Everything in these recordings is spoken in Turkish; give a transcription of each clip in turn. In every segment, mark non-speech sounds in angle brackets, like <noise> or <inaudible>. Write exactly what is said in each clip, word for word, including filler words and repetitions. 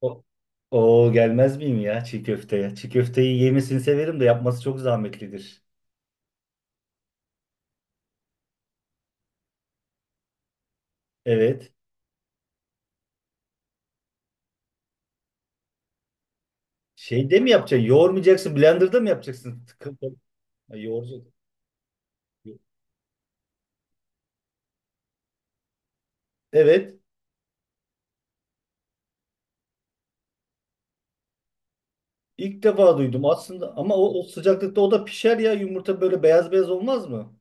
O Oo, gelmez miyim ya çiğ köfteye? Çiğ köfteyi yemesini severim de yapması çok zahmetlidir. Evet. Şeyde mi yapacaksın? Yoğurmayacaksın. Blender'da mı yapacaksın? Tıkıl tıkıl. Ha, yoğuracak. Evet. İlk defa duydum aslında ama o, o sıcaklıkta o da pişer ya yumurta böyle beyaz beyaz olmaz mı?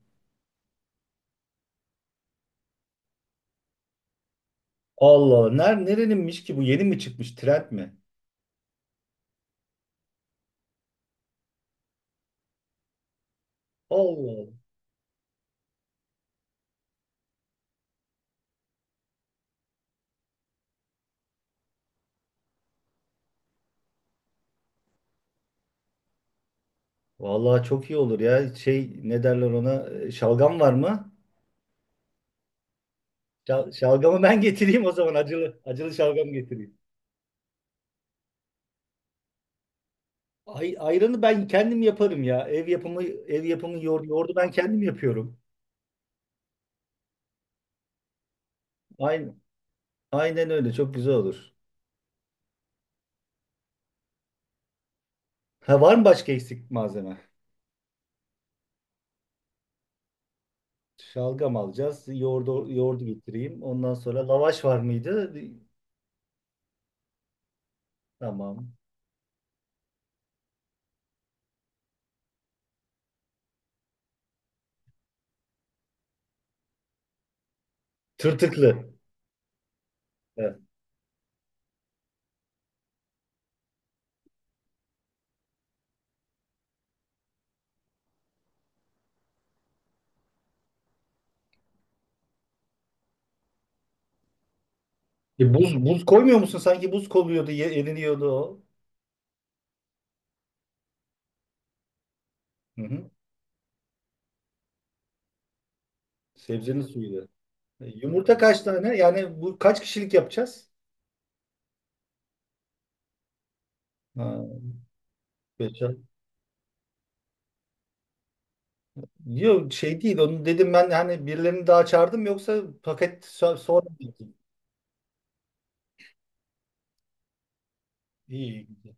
Allah Allah. Ner, nereninmiş ki bu? Yeni mi çıkmış? Trend mi? Allah Allah. Vallahi çok iyi olur ya. Şey, ne derler ona? E, Şalgam var mı? Şal- şalgamı ben getireyim o zaman, acılı. Acılı şalgam getireyim. Ay, ayranı ben kendim yaparım ya. Ev yapımı ev yapımı yoğurdu, yoğurdu ben kendim yapıyorum. Aynen, aynen öyle, çok güzel olur. Ha, var mı başka eksik malzeme? Şalgam alacağız. Yoğurdu, yoğurdu getireyim. Ondan sonra lavaş var mıydı? Tamam. Tırtıklı. Evet. E, buz, buz koymuyor musun? Sanki buz koyuyordu, ye- eriniyordu o. Hı hı. Sebzenin suyuydu. E, Yumurta kaç tane? Yani bu kaç kişilik yapacağız? Ha, beş. Yok şey değil, onu dedim ben, hani birilerini daha çağırdım yoksa paket so- sonra dedim. İyi. Güzel.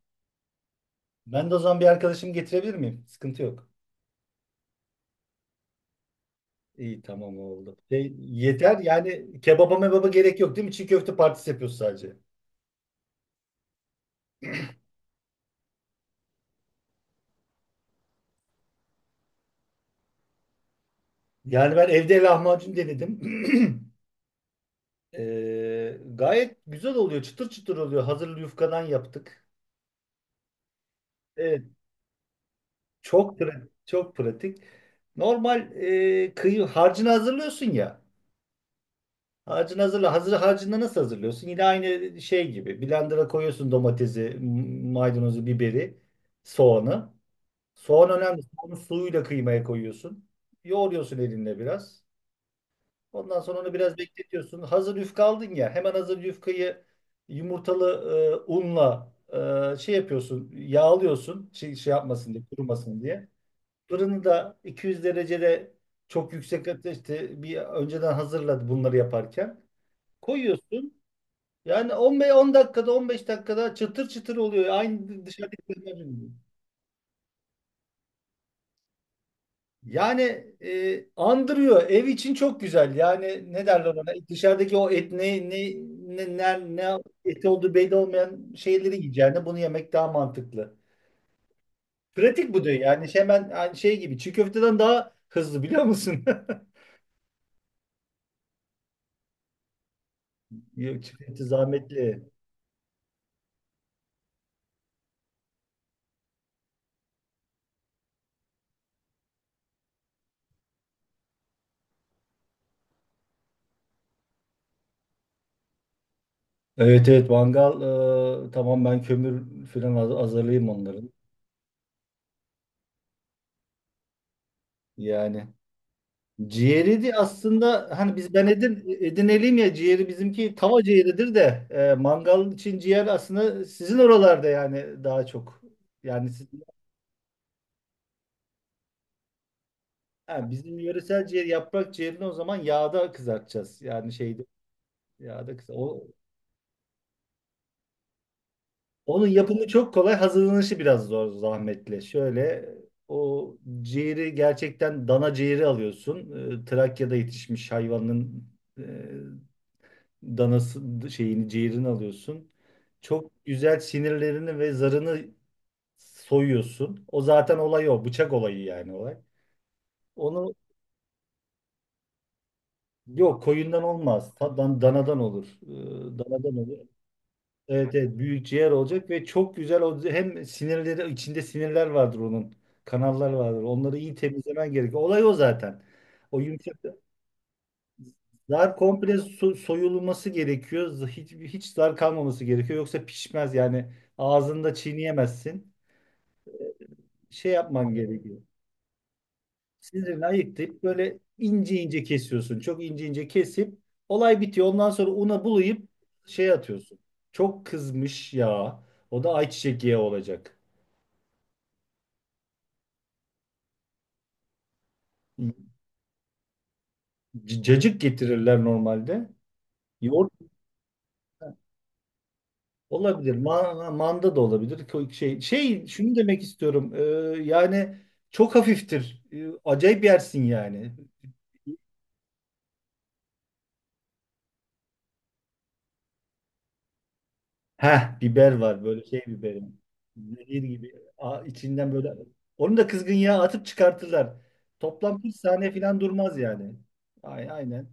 Ben de o zaman bir arkadaşımı getirebilir miyim? Sıkıntı yok. İyi, tamam oldu. Şey, yeter yani, kebaba mebaba gerek yok değil mi? Çiğ köfte partisi yapıyoruz sadece. Yani ben evde lahmacun denedim. <clears throat> Ee, gayet güzel oluyor. Çıtır çıtır oluyor. Hazır yufkadan yaptık. Evet. Çok pratik. Çok pratik. Normal e, kıyı harcını hazırlıyorsun ya. Harcını hazırla. Hazır, harcını nasıl hazırlıyorsun? Yine aynı şey gibi. Blender'a koyuyorsun domatesi, m- maydanozu, biberi, soğanı. Soğan önemli. Soğanı suyuyla kıymaya koyuyorsun. Yoğuruyorsun elinle biraz. Ondan sonra onu biraz bekletiyorsun. Hazır yufka aldın ya. Hemen hazır yufkayı yumurtalı e, unla e, şey yapıyorsun. Yağlıyorsun. Şey, şey yapmasın diye, kurumasın diye. Fırını da iki yüz derecede, çok yüksek ateşte bir önceden hazırladı bunları yaparken. Koyuyorsun. Yani on beş on dakikada, on beş dakikada çıtır çıtır oluyor. Aynı dışarıdaki döner gibi. Yani e, andırıyor. Ev için çok güzel. Yani ne derler ona? Dışarıdaki o et, ne ne ne ne, ne eti olduğu belli olmayan şeyleri yiyeceğine yani bunu yemek daha mantıklı. Pratik bu diyor. Yani şey hemen, yani şey gibi, çiğ köfteden daha hızlı biliyor musun? <laughs> Yok, çiğ köfte zahmetli. Evet, evet, mangal. E, tamam, ben kömür falan haz- hazırlayayım onların. Yani ciğeri de aslında hani biz ben edin, edinelim ya, ciğeri bizimki tava ciğeridir de e, mangal için ciğer aslında sizin oralarda yani daha çok. Yani sizin, ha, bizim yöresel ciğer, yaprak ciğerini o zaman yağda kızartacağız. Yani şeyde yağda kızart. O, onun yapımı çok kolay, hazırlanışı biraz zor, zahmetli. Şöyle, o ciğeri gerçekten dana ciğeri alıyorsun. E, Trakya'da yetişmiş hayvanın e, danası, şeyini ciğerini alıyorsun. Çok güzel sinirlerini ve zarını soyuyorsun. O zaten olay o. Bıçak olayı yani, olay. Onu yok, koyundan olmaz. Tadan, danadan olur. Ee, Danadan olur. Evet, evet, büyük ciğer olacak ve çok güzel o, hem sinirleri, içinde sinirler vardır onun. Kanallar vardır. Onları iyi temizlemen gerekiyor. Olay o zaten. O yumuşak. Zar komple so- soyulması gerekiyor. Hiç, hiç zar kalmaması gerekiyor. Yoksa pişmez yani. Ağzında çiğneyemezsin. Şey yapman gerekiyor. Sinirini ayıklayıp böyle ince ince kesiyorsun. Çok ince ince kesip olay bitiyor. Ondan sonra una bulayıp şey atıyorsun. Çok kızmış ya. O da ayçiçek yağı olacak. C- Cacık getirirler normalde. Yoğurt olabilir. Ma- manda da olabilir. Ko- Şey, şey, şunu demek istiyorum. Ee, yani çok hafiftir. Ee, acayip yersin yani. Heh, biber var, böyle şey biberi. Zehir gibi. A- içinden böyle. Onu da kızgın yağa atıp çıkartırlar. Toplam kırk saniye falan durmaz yani. Ay- Aynen.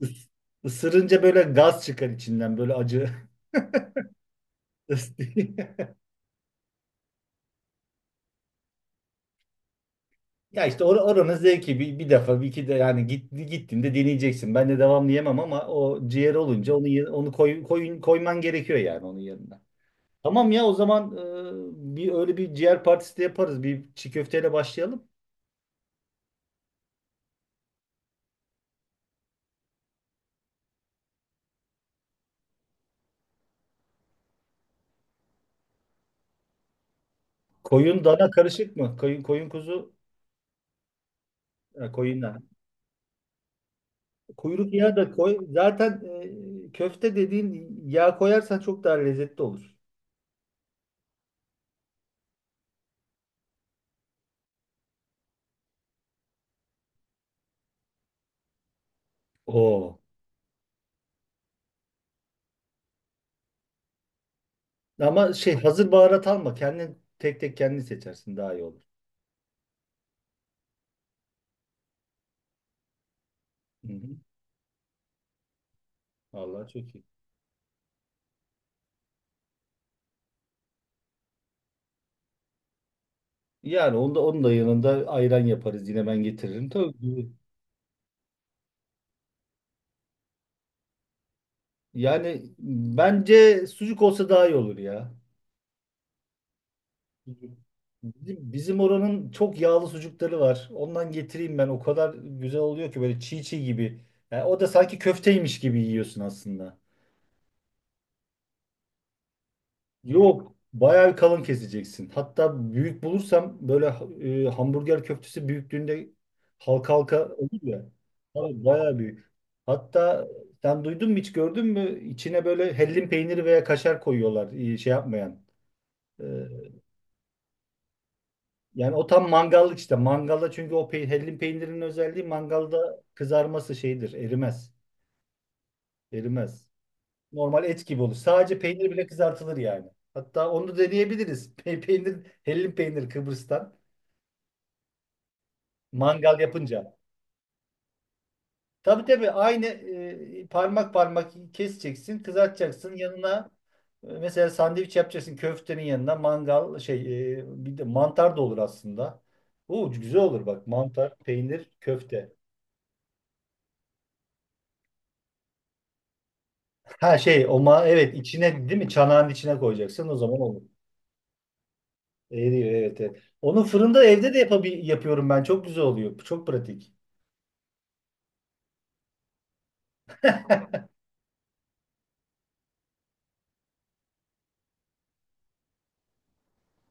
Is- Isırınca böyle gaz çıkar içinden, böyle acı. <laughs> Ya işte or oranın zevki, bir, bir defa, bir iki de yani git gittiğinde deneyeceksin. Ben de devamlı yemem ama o ciğer olunca onu ye- onu koy, koy koyman gerekiyor yani onun yanına. Tamam ya, o zaman e, bir, öyle bir ciğer partisi de yaparız. Bir çiğ köfteyle başlayalım. Koyun dana karışık mı? Koyun, koyun, kuzu, ha, koyun, dana. Kuyruk yağı da koy. Zaten e, köfte dediğin, yağ koyarsan çok daha lezzetli olur. Oo. Ama şey, hazır baharat alma. Kendin tek tek, kendin seçersin, daha iyi olur. Hı hı. Vallahi çok iyi. Yani onda, onun da yanında ayran yaparız, yine ben getiririm. Tabii ki. Yani bence sucuk olsa daha iyi olur ya. Sucuk. Bizim, bizim oranın çok yağlı sucukları var. Ondan getireyim ben. O kadar güzel oluyor ki, böyle çiğ çiğ gibi. Yani o da sanki köfteymiş gibi yiyorsun aslında. Yok. Bayağı bir kalın keseceksin. Hatta büyük bulursam böyle e, hamburger köftesi büyüklüğünde, halka halka olur ya. Abi bayağı büyük. Hatta sen duydun mu, hiç gördün mü? İçine böyle hellim peyniri veya kaşar koyuyorlar, e, şey yapmayan. E, yani o tam mangallık işte. Mangalda, çünkü o pe hellim peynirinin özelliği, mangalda kızarması şeydir. Erimez. Erimez. Normal et gibi olur. Sadece peynir bile kızartılır yani. Hatta onu da deneyebiliriz. <laughs> Pe- Peynir, hellim peynir Kıbrıs'tan. Mangal yapınca. Tabii, tabii, aynı e, parmak parmak keseceksin, kızartacaksın. Yanına e, mesela sandviç yapacaksın köftenin yanına, mangal şey, e, bir de mantar da olur aslında. Oo, güzel olur bak: mantar, peynir, köfte. Ha şey, o ma evet, içine, değil mi, çanağın içine koyacaksın, o zaman olur. Eriyor, evet evet. Onu fırında evde de yapabil yapıyorum ben. Çok güzel oluyor. Çok pratik.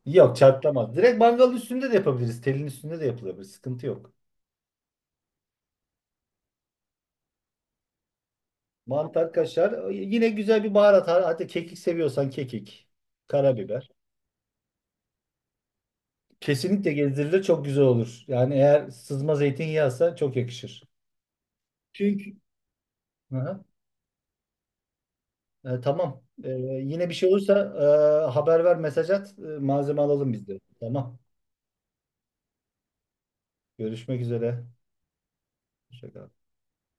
Yok, çatlamaz. Direkt mangalın üstünde de yapabiliriz. Telin üstünde de yapılabilir. Sıkıntı yok. Mantar, kaşar. Yine güzel bir baharat. Hatta kekik seviyorsan kekik, karabiber. Kesinlikle gezdirilir, çok güzel olur. Yani eğer sızma zeytinyağısa çok yakışır. Çünkü. Aha. E, tamam. E, yine bir şey olursa e, haber ver, mesaj at. E, malzeme alalım biz de. Tamam. Görüşmek üzere. Hoşça kal.